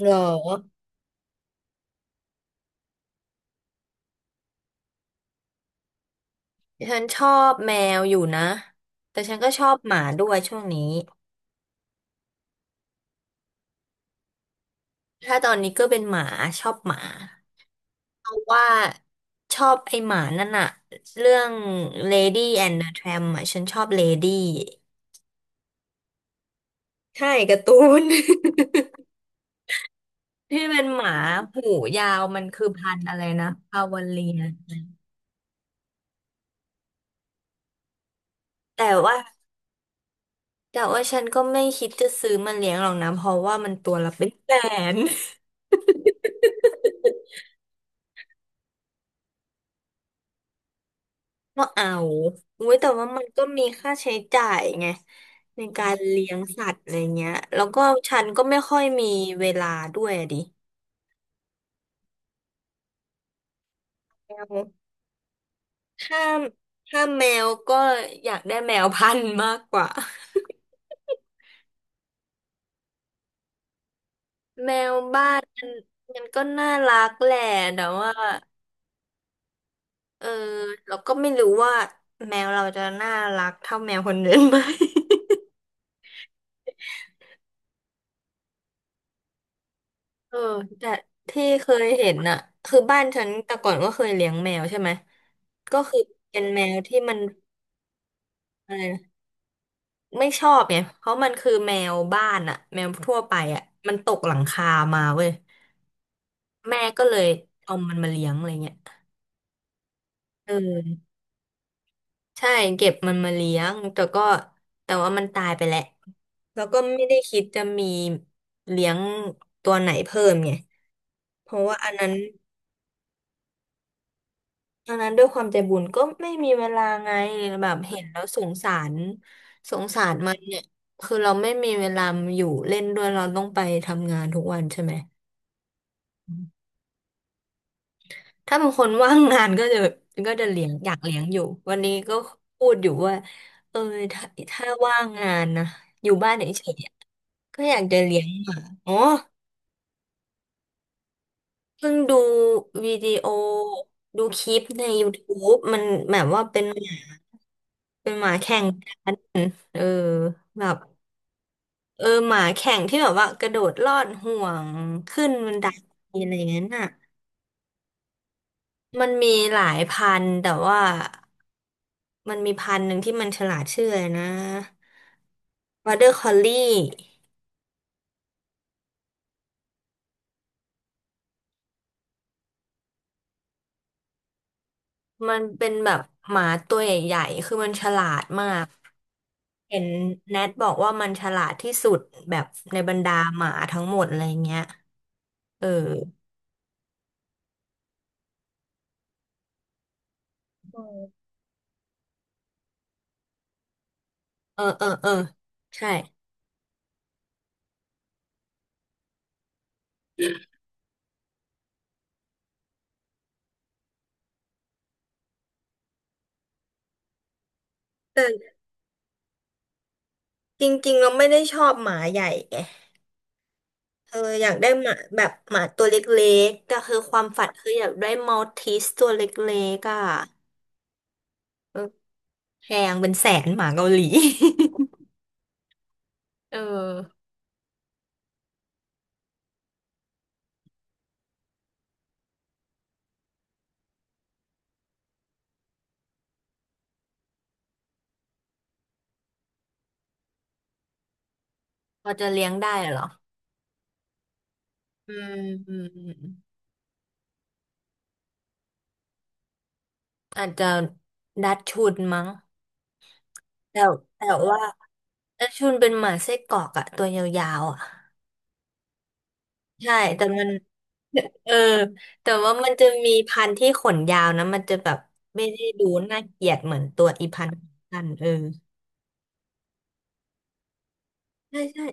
เหรอฉันชอบแมวอยู่นะแต่ฉันก็ชอบหมาด้วยช่วงนี้ถ้าตอนนี้ก็เป็นหมาชอบหมาเพราะว่าชอบไอหมานั่นอะเรื่อง Lady and the Tramp อะฉันชอบ Lady ใช่การ์ตูน ที่เป็นหมาหูยาวมันคือพันธุ์อะไรนะพาวาเลียแต่ว่าแต่ว่าฉันก็ไม่คิดจะซื้อมาเลี้ยงหรอกนะเพราะว่ามันตัวละเป็นแสน ก็เอาอุ้ยแต่ว่ามันก็มีค่าใช้จ่ายไงในการเลี้ยงสัตว์อะไรเงี้ยแล้วก็ฉันก็ไม่ค่อยมีเวลาด้วยอะดิแมวถ้าถ้าแมวก็อยากได้แมวพันธุ์มากกว่า แมวบ้านมันมันก็น่ารักแหละแต่ว่าเออเราก็ไม่รู้ว่าแมวเราจะน่ารักเท่าแมวคนอื่นไหม เออแต่ที่เคยเห็นน่ะคือบ้านฉันแต่ก่อนก็เคยเลี้ยงแมวใช่ไหมก็คือเป็นแมวที่มันอะไรนะไม่ชอบไงเพราะมันคือแมวบ้านอะแมวทั่วไปอะมันตกหลังคามาเว้ยแม่ก็เลยเอามันมาเลี้ยงอะไรเงี้ยเออใช่เก็บมันมาเลี้ยงแต่ก็แต่ว่ามันตายไปแล้วแล้วก็ไม่ได้คิดจะมีเลี้ยงตัวไหนเพิ่มไงเพราะว่าอันนั้น ตอนนั้นด้วยความใจบุญก็ไม่มีเวลาไงแบบเห็นแล้วสงสารสงสารมันเนี่ยคือเราไม่มีเวลาอยู่เล่นด้วยเราต้องไปทำงานทุกวันใช่ไหมถ้าเป็นคนว่างงานก็จะเลี้ยงอยากเลี้ยงอยู่วันนี้ก็พูดอยู่ว่าเออถ้าถ้าว่างงานนะอยู่บ้านเฉยๆอะก็อยากจะเลี้ยงหมาอ๋อเพิ่งดูวิดีโอดูคลิปใน YouTube มันแบบว่าเป็นหมาแข่งกันเออแบบ เออหมาแข่งที่แบบว่ากระโดดลอดห่วงขึ้นบันไดอะไรอย่างนั้นน่ะมันมีหลายพันธุ์แต่ว่ามันมีพันธุ์หนึ่งที่มันฉลาดชื่ออะไรนะวอเดอร์คอลลี่มันเป็นแบบหมาตัวใหญ่ๆคือมันฉลาดมากเห็นแนทบอกว่ามันฉลาดที่สุดแบบในบรรดาหมาทั้งหมดอะไรเงี้ยเอออเออเออเออใช่แต่จริงๆเราไม่ได้ชอบหมาใหญ่ไง เธออยากได้หมาแบบหมาตัวเล็กๆก็คือความฝันคืออยากได้มัลติสตัวเล็กๆอ่ะเออแพงเป็นแสนหมาเกาหลี เออพอจะเลี้ยงได้เหรออืมอืมอืมอาจจะดัชชุนมั้งแต่แต่ว่าดัชชุนเป็นหมาไส้กรอกอะตัวยาวๆอะใช่แต่มัน เออแต่ว่ามันจะมีพันธุ์ที่ขนยาวนะมันจะแบบไม่ได้ดูน่าเกลียดเหมือนตัวอีพันธุ์สั้นเออใช่ใช่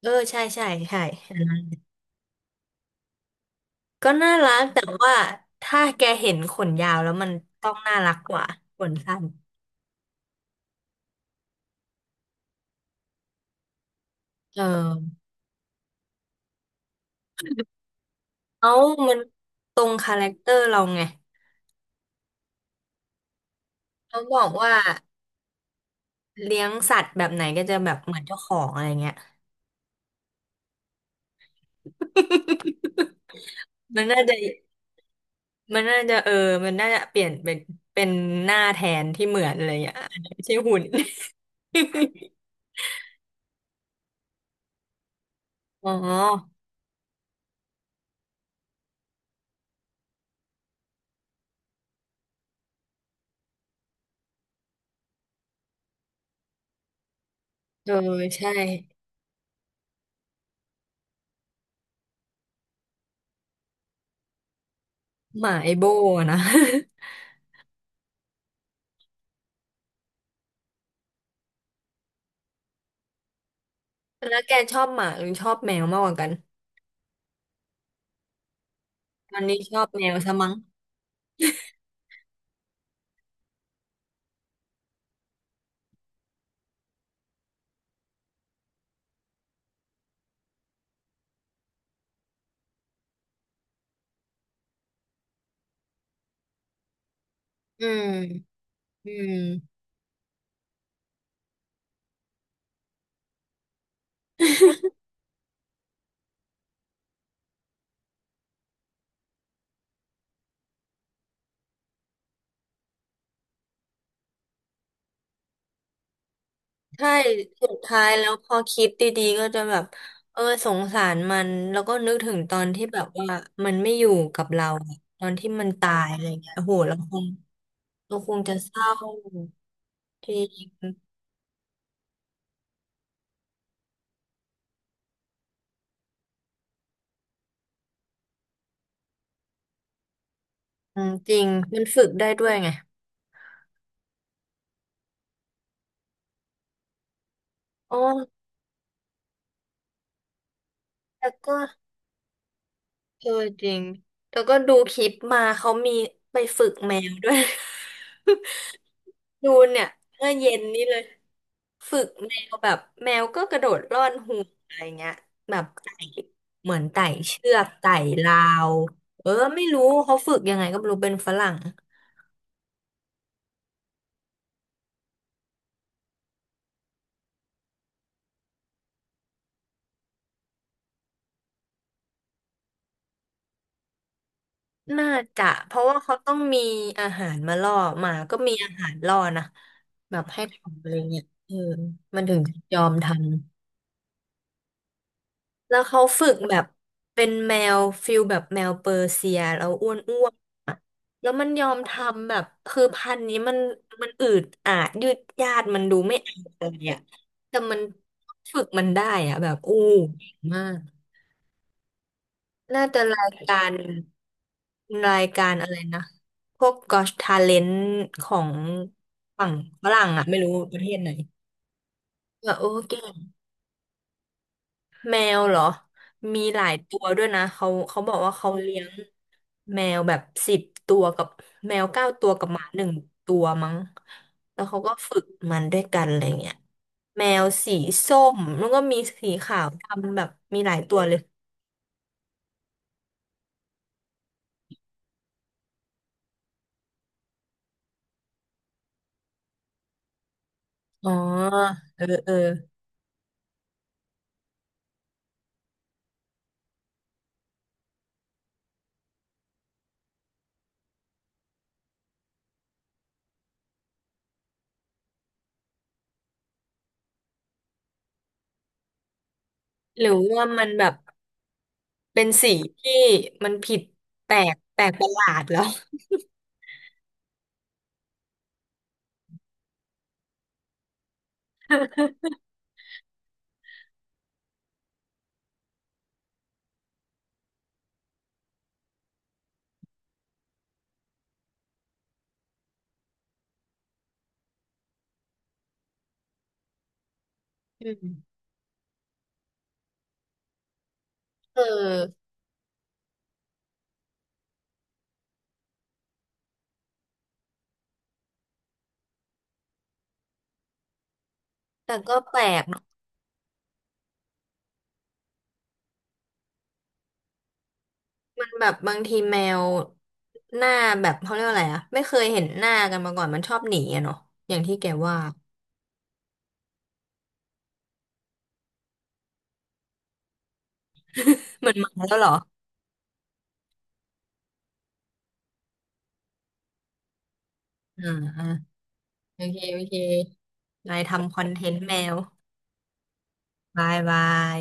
เออใช่ใช่ใช่อันนั้นก็น่ารักแต่ว่าถ้าแกเห็นขนยาวแล้วมันต้องน่ารักกว่าขนสั้นเออเอามันตรงคาแรคเตอร์เราไงเขาบอกว่าเลี้ยงสัตว์แบบไหนก็จะแบบเหมือนเจ้าของอะไรเงี้ย มันน่าจะมันน่าจะเออมันน่าจะเปลี่ยนเป็นเป็นหน้าแทนที่เหมือนอะไรเงี้ยอาจจะไม่ใช่หุ่น อ๋อเออใช่หมาไอโบนะ แล้วแกชอบหมาหรือชอบแมวมากกว่ากันตอนนี้ชอบแมวซะมั้งอืมอืมใช่สุดท้ายแล้วพอคิดดีๆก็จะแบบเออสงสารมันแล้วก็นึกถึงตอนที่แบบว่ามันไม่อยู่กับเราอะตอนที่มันตายอะไรเงี้ยโอ้โหเราคงจะเศร้าจริงอืมจริงมันฝึกได้ด้วยไงโอ้แต่ก็ เออจริง แล้วก็ดูคลิปมาเขามีไปฝึกแมวด้วย ดูเนี่ยเมื่อเย็นนี้เลยฝึกแมวแบบแมวก็กระโดดร่อนห่วงอะไรเงี้ยแบบไต่เหมือนไต่เชือกไต่ราวเออไม่รู้เขาฝึกยังไงก็ไม่รู้เป็นฝรั่งน่าจะเพราะว่าเขาต้องมีอาหารมาล่อหมาก็มีอาหารล่อนะแบบให้ทำอะไรเงี้ยเออมันถึงจะยอมทำ แล้วเขาฝึกแบบเป็นแมวฟิลแบบแมวเปอร์เซียแล้วอ้วนอ้วนอะแล้วมันยอมทำแบบคือพันธุ์นี้มันอืดอาดยืดยาดมันดูไม่เอาอะไรอ่ะแต่มันฝึกมันได้อ่ะแบบอู้เก่งมากน่าจะรายการอะไรนะพวก Got Talent ของฝั่งฝรั่งอ่ะไม่รู้ประเทศไหนแบบโอ้เก่ง แมวเหรอ มีหลายตัวด้วยนะ เขาบอกว่าเขาเลี้ยงแมวแบบ10 ตัวกับแมวเก้าตัวกับหมาหนึ่งตัวมั้งแล้วเขาก็ฝึกมันด้วยกันอะไรเงี้ยแมวสีส้มแล้วก็มีสีขาวดำแบบมีหลายตัวเลยอ๋อเออเออหรือว่ามันแบบเป็นสีที่มันผิดแปลกแปลกประหลาดแล้วอืมเออ แต่ก็แปลก มันแบบบางทีแมวหน้าแบบเขาเรียกว่าอะไรอะไม่เคยเห็นหน้ากันมาก่อนมันชอบหนีอะเนาะอย่างที่แกว่า มันมาแล้วเหรออ่าอ่าโอเคโอเคนายทำคอนเทนต์แมวบายบาย